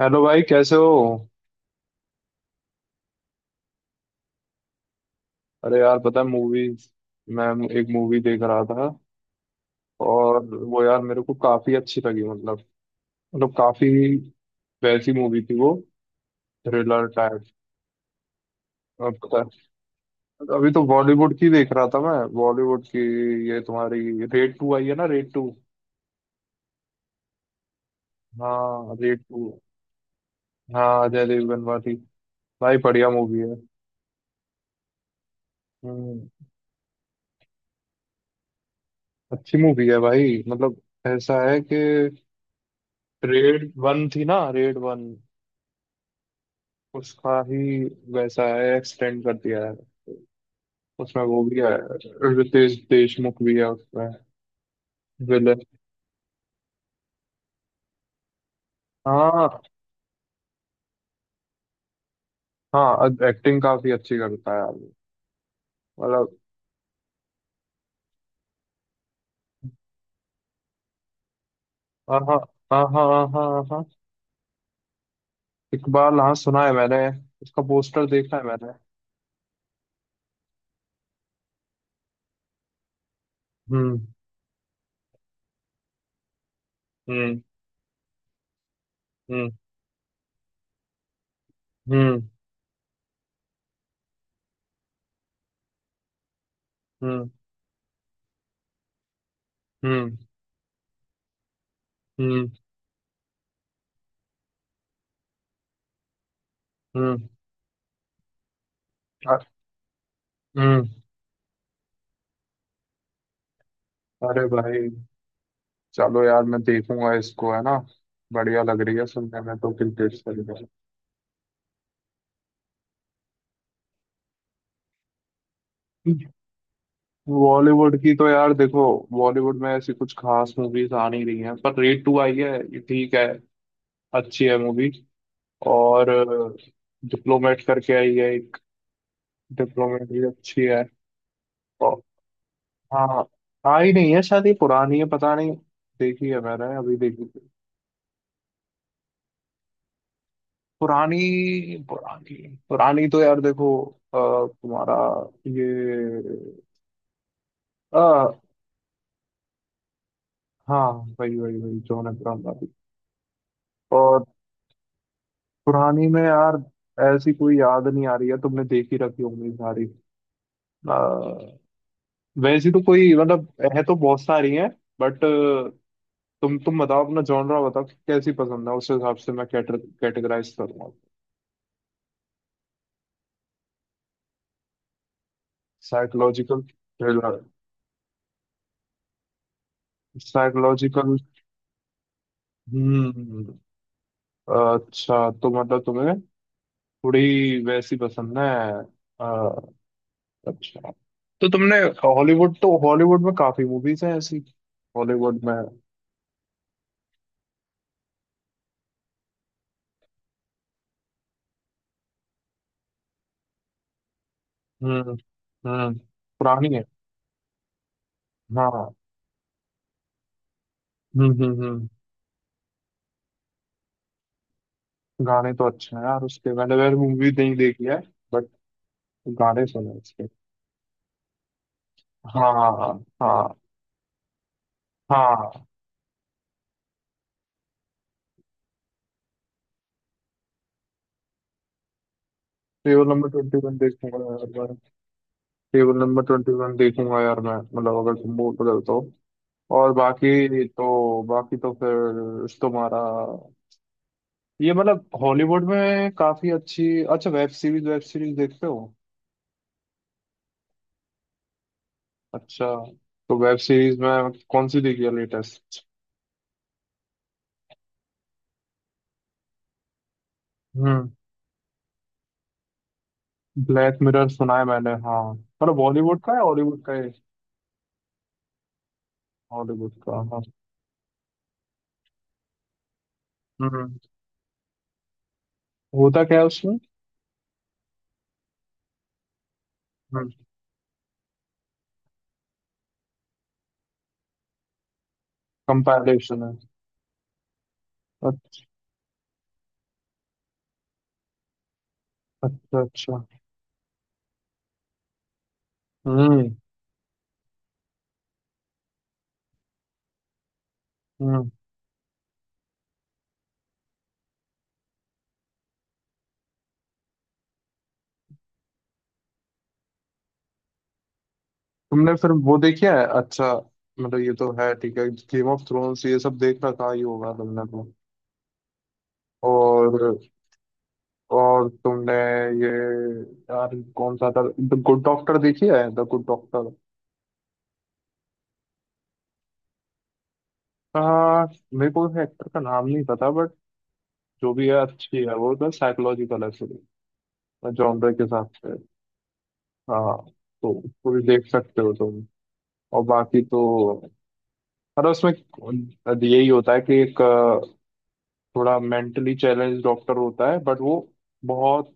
Hello भाई, कैसे हो? अरे यार, पता है, मूवी, मैं एक मूवी देख रहा था। और वो यार, मेरे को काफी अच्छी लगी, मतलब काफी वैसी मूवी थी वो, थ्रिलर टाइप। अब पता- है, अभी तो बॉलीवुड की देख रहा था मैं, बॉलीवुड की। ये तुम्हारी रेड टू आई है ना, रेड टू। हाँ रेड टू। हाँ, अजय देवगन वाली। भाई बढ़िया मूवी है। हम्म। अच्छी मूवी है भाई, मतलब। ऐसा है कि रेड वन थी ना, रेड वन। उसका ही वैसा है, एक्सटेंड कर दिया है। उसमें वो भी है, रितेश देशमुख भी है उसमें, विलन। हाँ, हाँ। एक्टिंग काफी अच्छी करता है आदमी, मतलब। हाँ, हाँ, हाँ, हाँ, हाँ, हाँ, हाँ। इकबाल, हाँ, सुना है मैंने, उसका पोस्टर देखा है मैंने। हम्म, हम्म, हम्म, हम्म, हम्म, हम्म, हम्म, हम्म। अ- हम्म। अरे भाई, चलो यार मैं देखूंगा इसको, है ना? बढ़िया लग रही है सुनने में तो, क्रिकेट से। बॉलीवुड की तो यार देखो, बॉलीवुड में ऐसी कुछ खास मूवीज आ नहीं रही हैं, पर रेड टू आई है, ये ठीक है। अच्छी है मूवी। और डिप्लोमेट करके आई है एक, डिप्लोमेट भी अच्छी है। और हाँ, आई नहीं है शायद ये, पुरानी है पता नहीं, देखी है मैंने, अभी देखी थी। पुरानी, पुरानी, पुरानी तो यार देखो, अ, तुम्हारा ये, आ, हाँ, वही वही वही, जॉन अब्राहम वाली। और पुरानी में यार ऐसी कोई याद नहीं आ रही है, तुमने देख ही रखी होंगी सारी। अ, वैसी तो कोई, मतलब, है तो बहुत सारी हैं, बट। तुम बताओ अपना जॉनरा बताओ कि कैसी पसंद है, उस हिसाब से मैं कैटेगराइज करूंगा। Psychological thriller, psychological. हम्म। अच्छा, तो मतलब तुम्हें थोड़ी वैसी पसंद है। अ, अच्छा, तो तुमने हॉलीवुड तो, हॉलीवुड में काफी मूवीज हैं ऐसी, हॉलीवुड में। हम्म, हम्म। पुरानी है। हाँ। हम्म, हम्म, हम्म। गाने तो अच्छे हैं यार उसके, मैंने वैसे मूवी नहीं देखी है, बट गाने सुने उसके। हाँ, हाँ, हाँ, हाँ। टेबल नंबर 21 देखूंगा यार मैं। टेबल नंबर 21 देखूंगा यार मैं, मतलब अगर तुम मूड बदल तो। और बाकी तो, फिर तुम्हारा ये, मतलब हॉलीवुड में काफी अच्छी। अच्छा, वेब सीरीज, वेब सीरीज देखते हो? अच्छा, तो वेब सीरीज में कौन सी देखी है लेटेस्ट? ब्लैक मिरर सुना है मैंने, हाँ, मतलब बॉलीवुड का है हॉलीवुड का है? हॉलीवुड का, हाँ। हम्म। होता क्या है उसमें? हम्म। कंपैरिजन है। अच्छा, अच्छा, अच्छा। हम्म, हम्म। तुमने फिर वो देखी है। अच्छा, मतलब ये तो है, ठीक है। गेम ऑफ थ्रोन्स ये सब देख रखा ही होगा तुमने तो। और तुमने ये, यार कौन सा था, द गुड डॉक्टर देखी है, द गुड डॉक्टर? हाँ, मेरे को एक्टर का नाम नहीं पता, बट जो भी है अच्छी है वो, तो साइकोलॉजिकल है, जॉनर के हिसाब से। हाँ, तो उसको भी देख सकते हो तुम। और बाकी तो, मतलब उसमें यही होता है कि एक, थोड़ा मेंटली चैलेंज डॉक्टर होता है, बट वो बहुत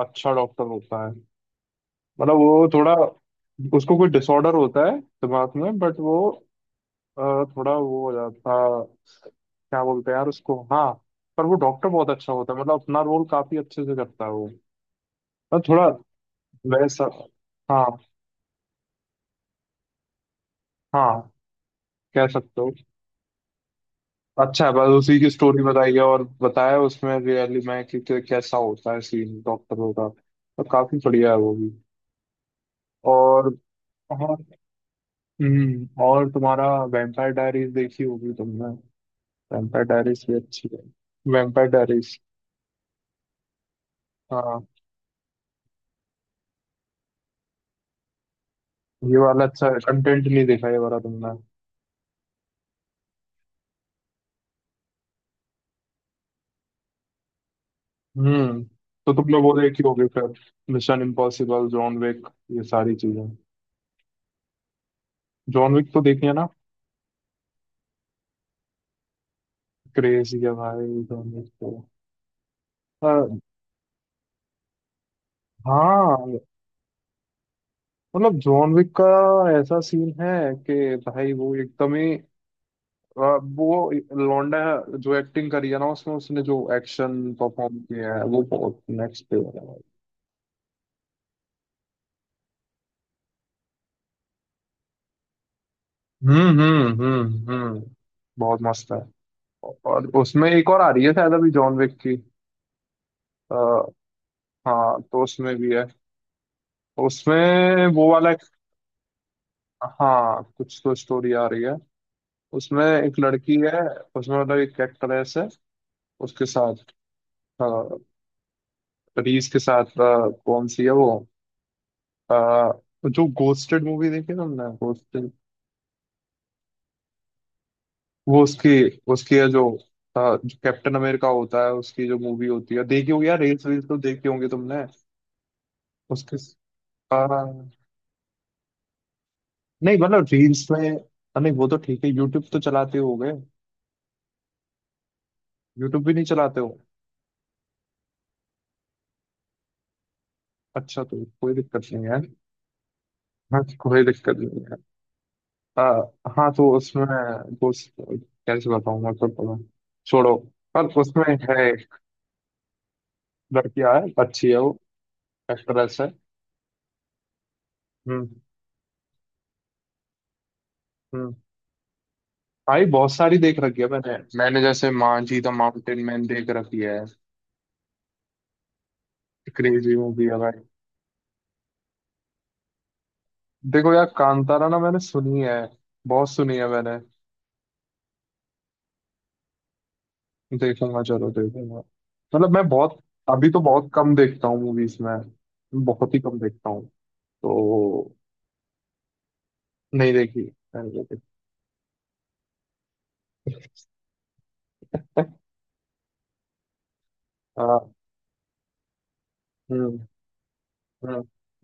अच्छा डॉक्टर होता है। मतलब वो थोड़ा, उसको कोई डिसऑर्डर होता है दिमाग में, बट वो, थोड़ा वो हो जाता, क्या बोलते हैं यार उसको, हाँ। पर वो डॉक्टर बहुत अच्छा होता है, मतलब अपना रोल काफी अच्छे से करता है वो। मतलब थोड़ा वैसा। हाँ, हाँ, कह सकते हो। अच्छा है, बस उसी की स्टोरी बताई है, और बताया उसमें रियली में कि कैसा होता है सीन डॉक्टरों का। तो काफी बढ़िया है वो भी। और और और तुम्हारा वैम्पायर डायरीज देखी होगी तुमने, वैम्पायर डायरीज भी अच्छी है। Vampire diaries. हाँ, ये वाला अच्छा कंटेंट नहीं देखा ये वाला तुमने। हम्म। तो तुमने वो देखी होगी फिर, मिशन इम्पॉसिबल, जॉन विक, ये सारी चीजें। जॉन विक तो देखी है ना, क्रेजी है भाई जॉन विक तो। अ, हाँ, मतलब जॉन विक का ऐसा सीन है कि भाई वो एकदम ही, अ, वो लौंडा जो एक्टिंग करी है ना उसमें, उसने जो एक्शन परफॉर्म किया है वो बहुत नेक्स्ट लेवल है भाई। हम्म, हम्म, हम्म, हम्म। बहुत मस्त है। और उसमें एक और आ रही है शायद, अभी जॉन विक की। आ, हाँ, तो उसमें भी है, उसमें वो वाला। हाँ, कुछ तो स्टोरी आ रही है। उसमें एक लड़की है, उसमें मतलब एक एक्ट्रेस है उसके साथ। हाँ, प्रीज के साथ, कौन सी है वो, अ, जो गोस्टेड मूवी देखी है तुमने, गोस्टेड? वो उसकी, उसकी है जो, जो कैप्टन अमेरिका होता है उसकी जो मूवी होती है, देखी होगी यार, रील्स वील्स तो देखी होंगी तुमने। उसके स- आ, नहीं मतलब रील्स में, नहीं वो तो ठीक है, यूट्यूब तो चलाते हो गए। यूट्यूब भी नहीं चलाते हो? अच्छा, तो कोई दिक्कत नहीं है। हाँ, कोई दिक्कत नहीं है। आ, हाँ, तो उसमें गोस्ट, कैसे बताऊँ मैं तो तुम्हें, छोड़ो। पर उसमें है लड़कियां, है, अच्छी है वो, एक्ट्रेस है। हम्म, हम्म। भाई बहुत सारी देख रखी है मैंने, जैसे मांझी द माउंटेन मैन देख रखी है। क्रेजी मूवी है भाई। देखो यार कांतारा ना, मैंने सुनी है, बहुत सुनी है मैंने। देखूंगा, चलो देखूंगा, मतलब मैं बहुत, अभी तो बहुत कम देखता हूँ मूवीज में, बहुत ही कम देखता हूँ तो। नहीं देखी, मैंने देखी, हाँ। हम्म, हम्म,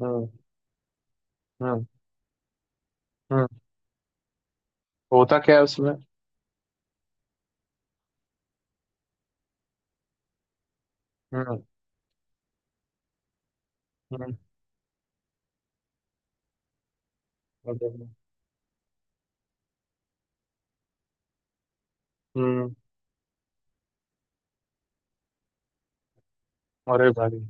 हम्म, हम्म, हम्म। होता क्या है उसमें? हम्म, हम्म, हम्म, हम्म। अरे भाई।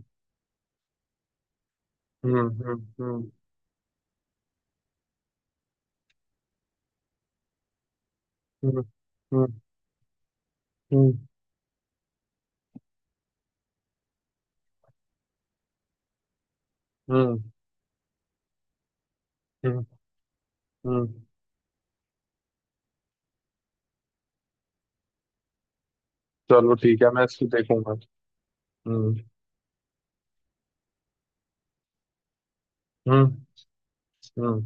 हम्म, हम्म, हम्म, हम्म, हम्म, हम्म, हम्म, हम्म, हम्म। चलो ठीक है, मैं इसको देखूंगा। हम्म, हम्म, हम्म।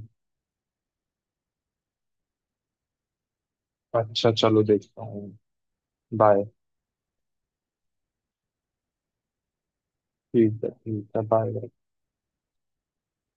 अच्छा, चलो देखता हूँ। बाय। ठीक है, ठीक है, बाय।